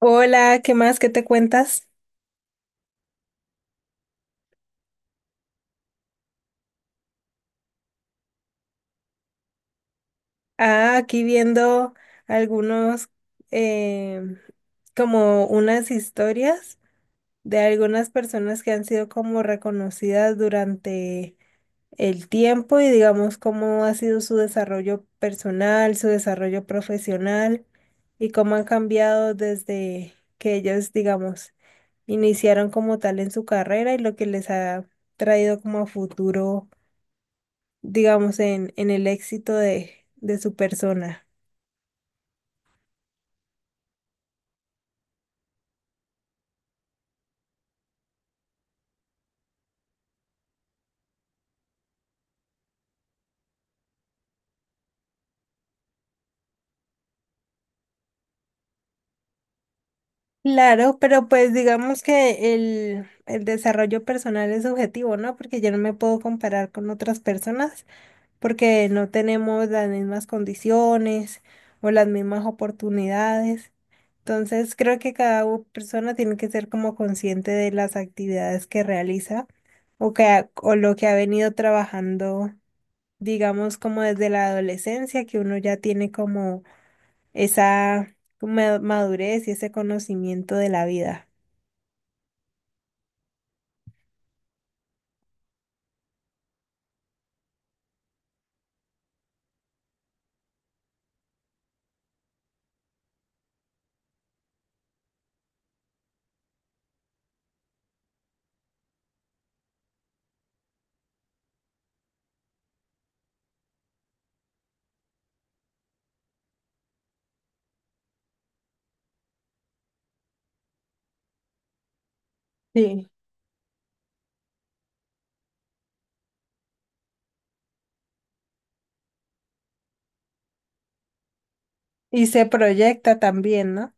Hola, ¿qué más? ¿Qué te cuentas? Ah, aquí viendo algunos, em, como unas historias de algunas personas que han sido como reconocidas durante el tiempo y digamos cómo ha sido su desarrollo personal, su desarrollo profesional y cómo han cambiado desde que ellos, digamos, iniciaron como tal en su carrera y lo que les ha traído como a futuro digamos, en el éxito de su persona. Claro, pero pues digamos que el desarrollo personal es subjetivo, ¿no? Porque yo no me puedo comparar con otras personas porque no tenemos las mismas condiciones o las mismas oportunidades. Entonces creo que cada persona tiene que ser como consciente de las actividades que realiza o que ha- o lo que ha venido trabajando, digamos, como desde la adolescencia, que uno ya tiene como esa madurez y ese conocimiento de la vida. Sí. Y se proyecta también, ¿no?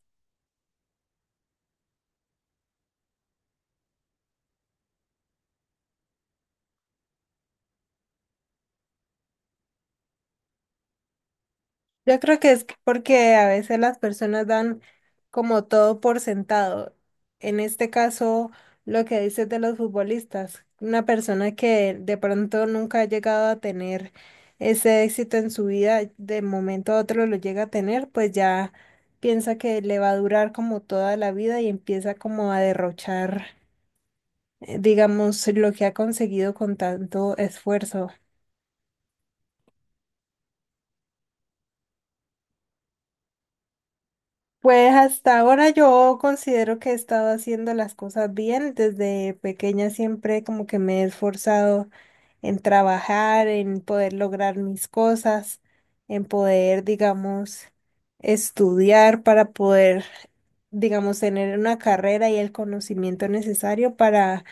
Yo creo que es porque a veces las personas dan como todo por sentado. En este caso, lo que dices de los futbolistas, una persona que de pronto nunca ha llegado a tener ese éxito en su vida, de momento a otro lo llega a tener, pues ya piensa que le va a durar como toda la vida y empieza como a derrochar digamos, lo que ha conseguido con tanto esfuerzo. Pues hasta ahora yo considero que he estado haciendo las cosas bien. Desde pequeña siempre como que me he esforzado en trabajar, en poder lograr mis cosas, en poder, digamos, estudiar para poder, digamos, tener una carrera y el conocimiento necesario para,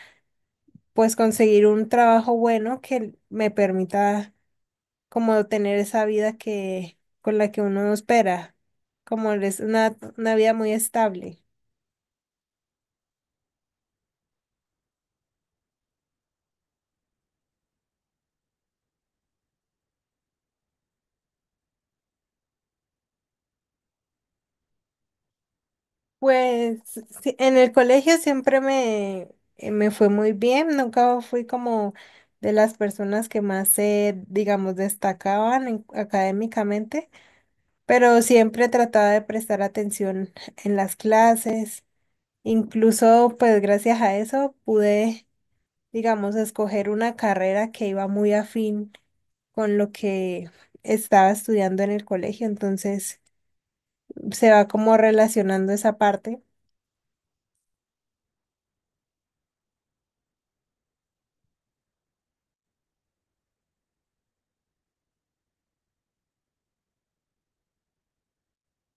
pues, conseguir un trabajo bueno que me permita como tener esa vida que con la que uno espera, como es una vida muy estable. Pues sí, en el colegio siempre me, me fue muy bien, nunca fui como de las personas que más se, digamos, destacaban académicamente, pero siempre trataba de prestar atención en las clases. Incluso, pues gracias a eso pude, digamos, escoger una carrera que iba muy afín con lo que estaba estudiando en el colegio, entonces se va como relacionando esa parte.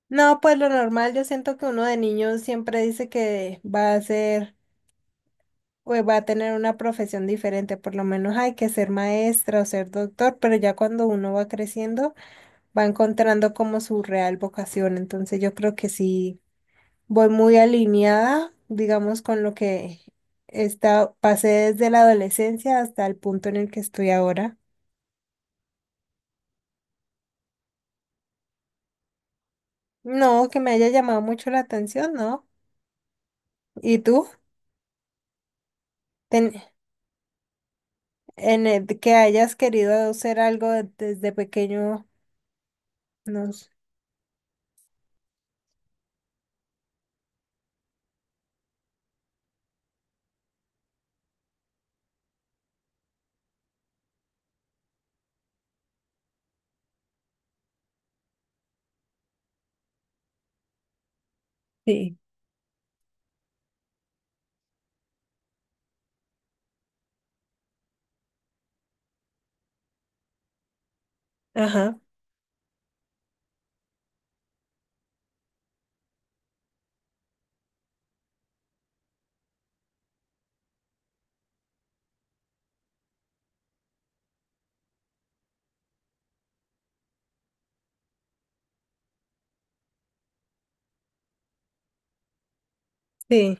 No, pues lo normal, yo siento que uno de niños siempre dice que va a ser, o va a tener una profesión diferente, por lo menos hay que ser maestra o ser doctor, pero ya cuando uno va creciendo, va encontrando como su real vocación, entonces yo creo que sí, voy muy alineada, digamos, con lo que está, pasé desde la adolescencia hasta el punto en el que estoy ahora. No, que me haya llamado mucho la atención, ¿no? ¿Y tú? Ten- en el que hayas querido hacer algo desde pequeño, no sé. Sí, ajá, sí.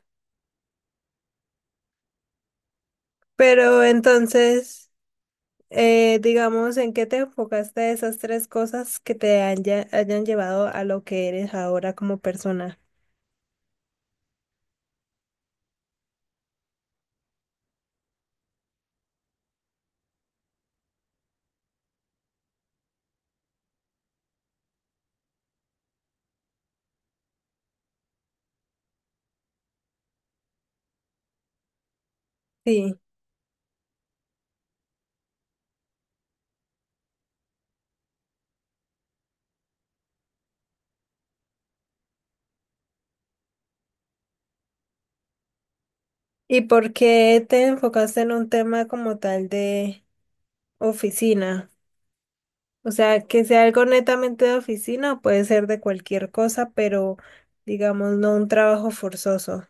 Pero entonces, digamos, ¿en qué te enfocaste de esas tres cosas que te hayan llevado a lo que eres ahora como persona? Sí. ¿Y por qué te enfocaste en un tema como tal de oficina? O sea, que sea algo netamente de oficina, o puede ser de cualquier cosa, pero digamos, no un trabajo forzoso.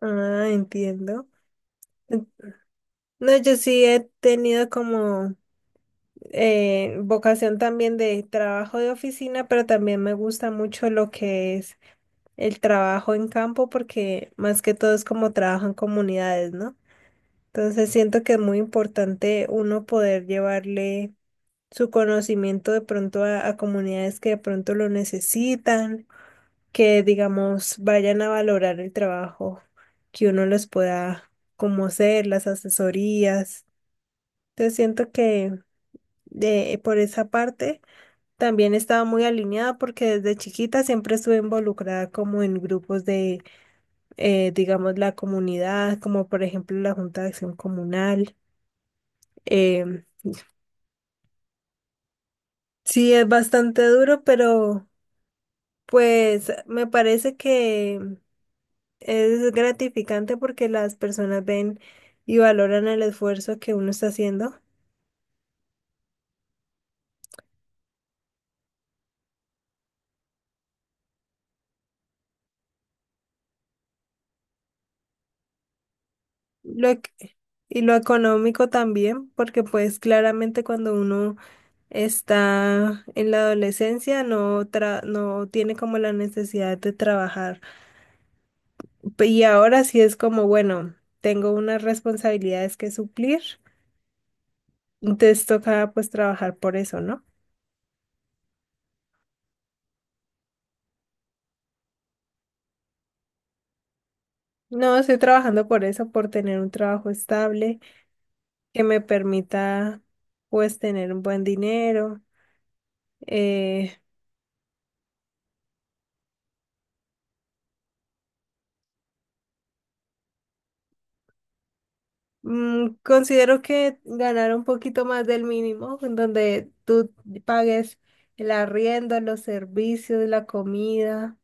Ah, entiendo. En- No, yo sí he tenido como vocación también de trabajo de oficina, pero también me gusta mucho lo que es el trabajo en campo, porque más que todo es como trabajo en comunidades, ¿no? Entonces siento que es muy importante uno poder llevarle su conocimiento de pronto a comunidades que de pronto lo necesitan, que digamos vayan a valorar el trabajo que uno les pueda como hacer, las asesorías. Entonces siento que de, por esa parte también estaba muy alineada porque desde chiquita siempre estuve involucrada como en grupos de, digamos, la comunidad, como por ejemplo la Junta de Acción Comunal. Em, sí, es bastante duro, pero... Pues me parece que es gratificante porque las personas ven y valoran el esfuerzo que uno está haciendo. Lo, ec- y lo económico también, porque pues claramente cuando uno está en la adolescencia no tiene como la necesidad de trabajar. Y ahora sí es como, bueno, tengo unas responsabilidades que suplir, entonces toca pues trabajar por eso, ¿no? No, estoy trabajando por eso, por tener un trabajo estable que me permita pues tener un buen dinero. Eh, considero que ganar un poquito más del mínimo, en donde tú pagues el arriendo, los servicios, la comida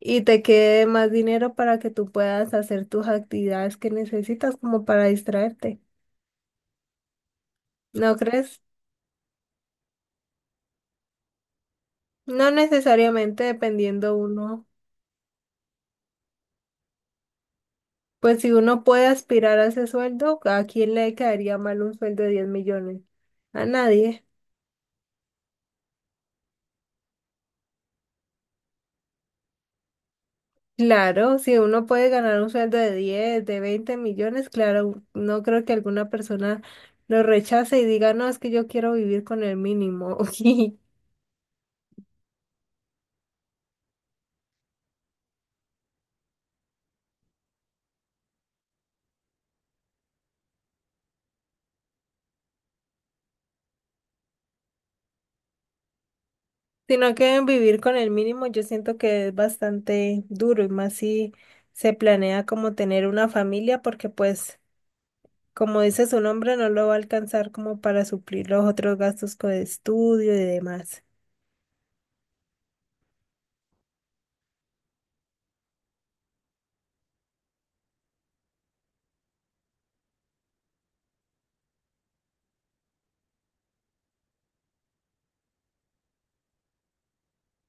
y te quede más dinero para que tú puedas hacer tus actividades que necesitas como para distraerte. ¿No crees? No necesariamente dependiendo uno. Pues si uno puede aspirar a ese sueldo, ¿a quién le caería mal un sueldo de 10 millones? A nadie. Claro, si uno puede ganar un sueldo de 10, de 20 millones, claro, no creo que alguna persona lo rechace y diga, no, es que yo quiero vivir con el mínimo, sino que vivir con el mínimo yo siento que es bastante duro y más si se planea como tener una familia, porque pues, como dice su nombre, no lo va a alcanzar como para suplir los otros gastos con estudio y demás.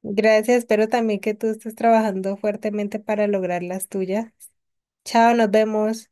Gracias, espero también que tú estés trabajando fuertemente para lograr las tuyas. Chao, nos vemos.